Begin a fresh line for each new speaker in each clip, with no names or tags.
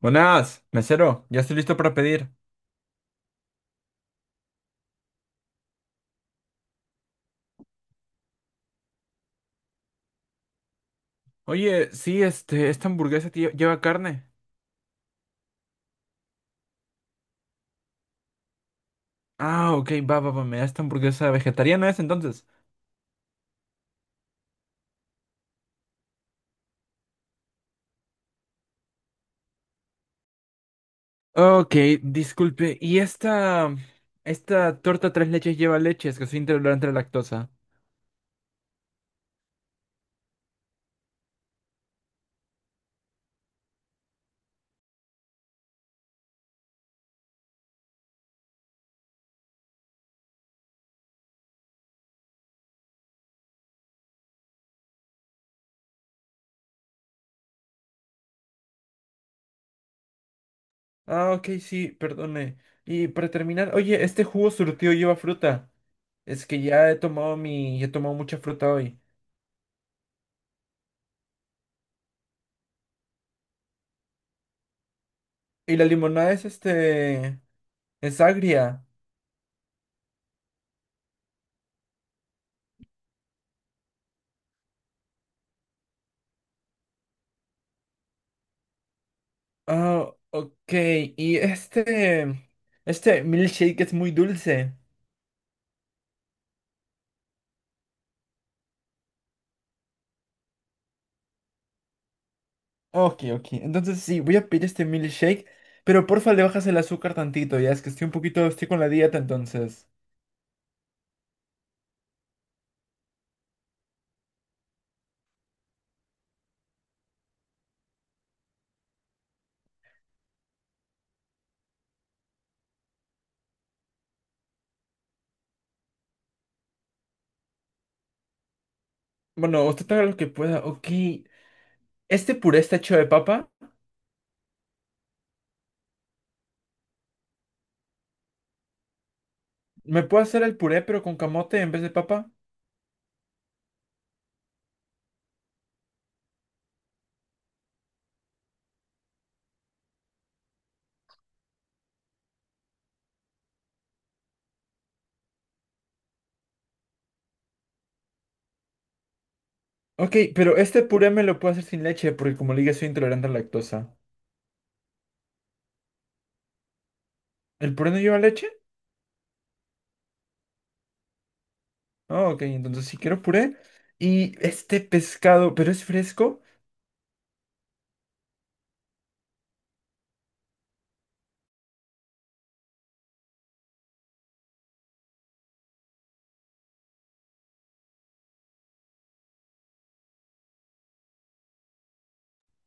Buenas, mesero, ya estoy listo para pedir. Oye, sí, esta hamburguesa lleva carne. Ah, ok, va, va, va, me da esta hamburguesa vegetariana es entonces. Ok, disculpe, ¿y esta torta tres leches lleva leche? Es que soy intolerante a la lactosa. Ah, ok, sí, perdone. Y para terminar, oye, este jugo surtido lleva fruta. Es que ya he tomado he tomado mucha fruta hoy. Y la limonada es es agria. Oh, ok. Y este milkshake es muy dulce. Ok, ok. Entonces sí, voy a pedir este milkshake, pero porfa le bajas el azúcar tantito, ya es que estoy un poquito, estoy con la dieta entonces. Bueno, usted haga lo que pueda. Ok. Este puré está hecho de papa. ¿Me puedo hacer el puré pero con camote en vez de papa? Ok, pero este puré me lo puedo hacer sin leche porque como le dije soy intolerante a la lactosa. ¿El puré no lleva leche? Oh, ok, entonces si quiero puré. Y este pescado, pero es fresco.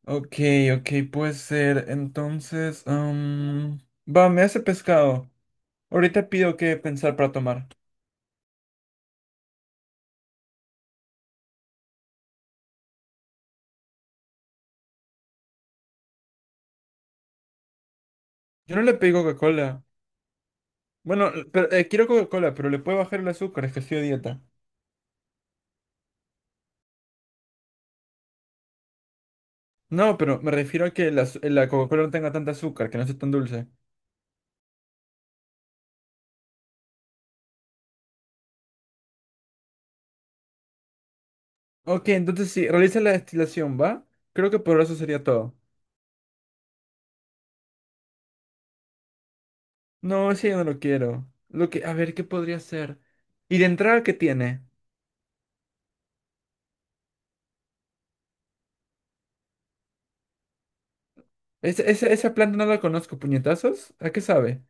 Ok, ok, puede ser. Entonces, va, me hace pescado. Ahorita pido qué pensar para tomar. Yo no le pido Coca-Cola. Bueno, pero, quiero Coca-Cola, pero le puedo bajar el azúcar, es que estoy a dieta. No, pero me refiero a que la Coca-Cola no tenga tanta azúcar, que no sea tan dulce. Ok, entonces sí, realiza la destilación, ¿va? Creo que por eso sería todo. No, ese yo no lo quiero. Lo que, a ver, ¿qué podría ser? ¿Y de entrada qué tiene? ¿ Esa planta no la conozco, ¿puñetazos? ¿A qué sabe?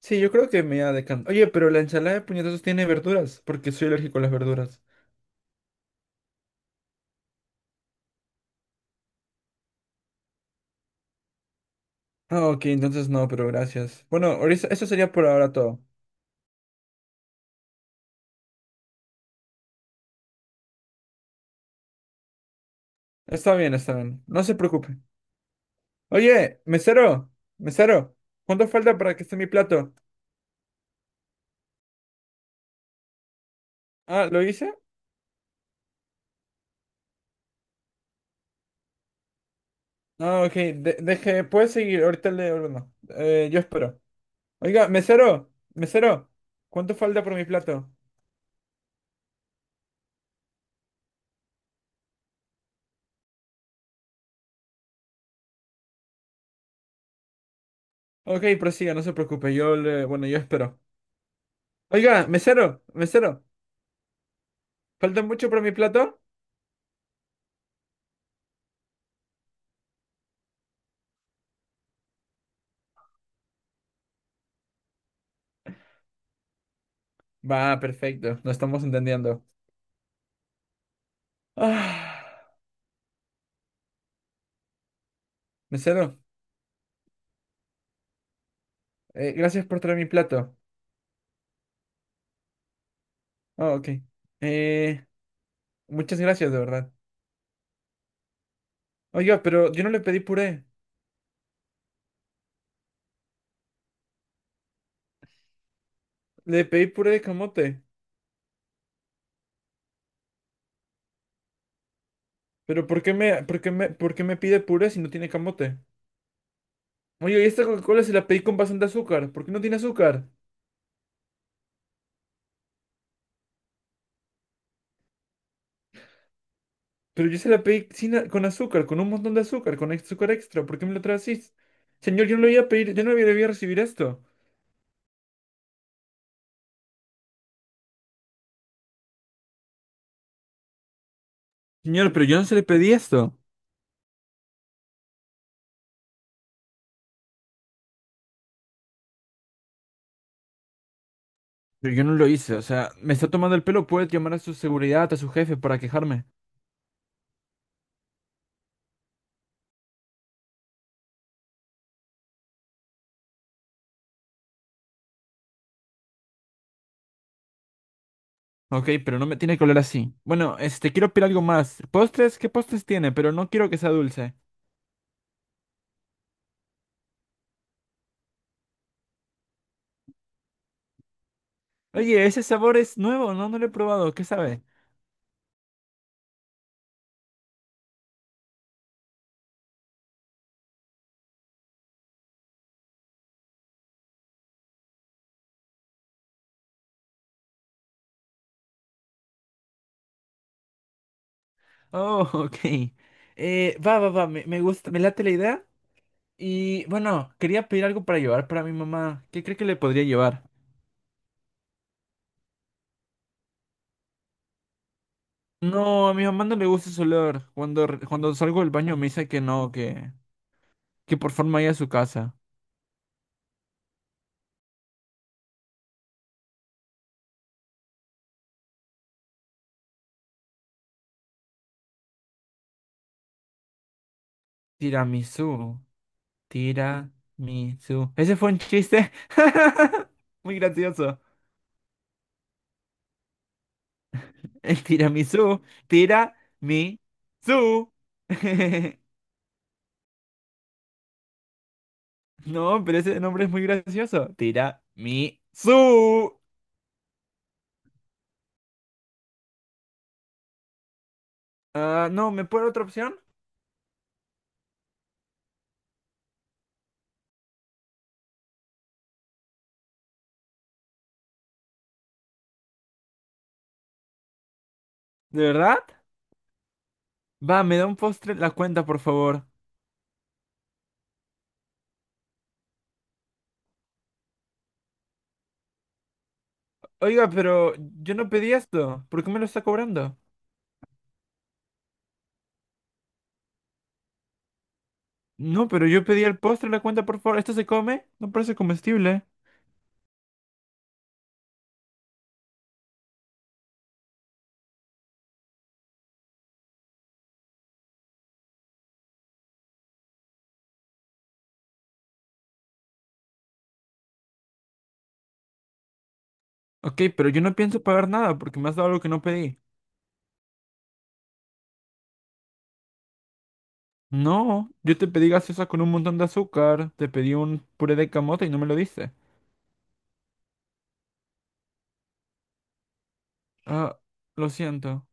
Sí, yo creo que me ha decantar. Oye, pero la ensalada de puñetazos tiene verduras, porque soy alérgico a las verduras. Ah, ok, entonces no, pero gracias. Bueno, eso sería por ahora todo. Está bien, está bien. No se preocupe. Oye, mesero, mesero, ¿cuánto falta para que esté mi plato? Ah, ¿lo hice? Ah, ok, deje, puedes seguir, ahorita le ordeno. Yo espero. Oiga, mesero, mesero, ¿cuánto falta por mi plato? Ok, prosiga, no se preocupe, yo le, bueno, yo espero. Oiga, mesero, mesero, ¿falta mucho para mi plato? Va, perfecto. Nos estamos entendiendo. Ah, mesero, gracias por traer mi plato. Ah, ok. Eh, Muchas gracias, de verdad. Oiga, pero yo no le pedí puré. Le pedí puré de camote. Pero por qué me pide puré si no tiene camote? Oye, y esta Coca-Cola se la pedí con bastante azúcar. ¿Por qué no tiene azúcar? Pero yo se la pedí sin a- con azúcar, con un montón de azúcar, con azúcar extra. ¿Por qué me lo traes así? Señor, yo no le voy a recibir esto. Señor, pero yo no se le pedí esto. Pero yo no lo hice, o sea, me está tomando el pelo, puedes llamar a su seguridad, a su jefe para quejarme. Ok, pero no me tiene que hablar así. Bueno, este, quiero pedir algo más. ¿Postres? ¿Qué postres tiene? Pero no quiero que sea dulce. Oye, ese sabor es nuevo, no, no lo he probado, ¿qué sabe? Oh, ok. Va, va, va, me gusta, me late la idea. Y bueno, quería pedir algo para llevar para mi mamá. ¿Qué cree que le podría llevar? No, a mi mamá no le gusta ese olor. Cuando salgo del baño me dice que no, que por favor me vaya a su casa. Tiramisú. Tiramisú. Ese fue un chiste muy gracioso. El tiramisú. Tiramisú. No, pero ese nombre es muy gracioso. Tiramisú. Ah, no, ¿me puede otra opción? ¿De verdad? Va, me da un postre la cuenta, por favor. Oiga, pero yo no pedí esto. ¿Por qué me lo está cobrando? No, pero yo pedí el postre la cuenta, por favor. ¿Esto se come? No parece comestible. Ok, pero yo no pienso pagar nada porque me has dado algo que no pedí. No, yo te pedí gaseosa con un montón de azúcar, te pedí un puré de camote y no me lo diste. Ah, lo siento.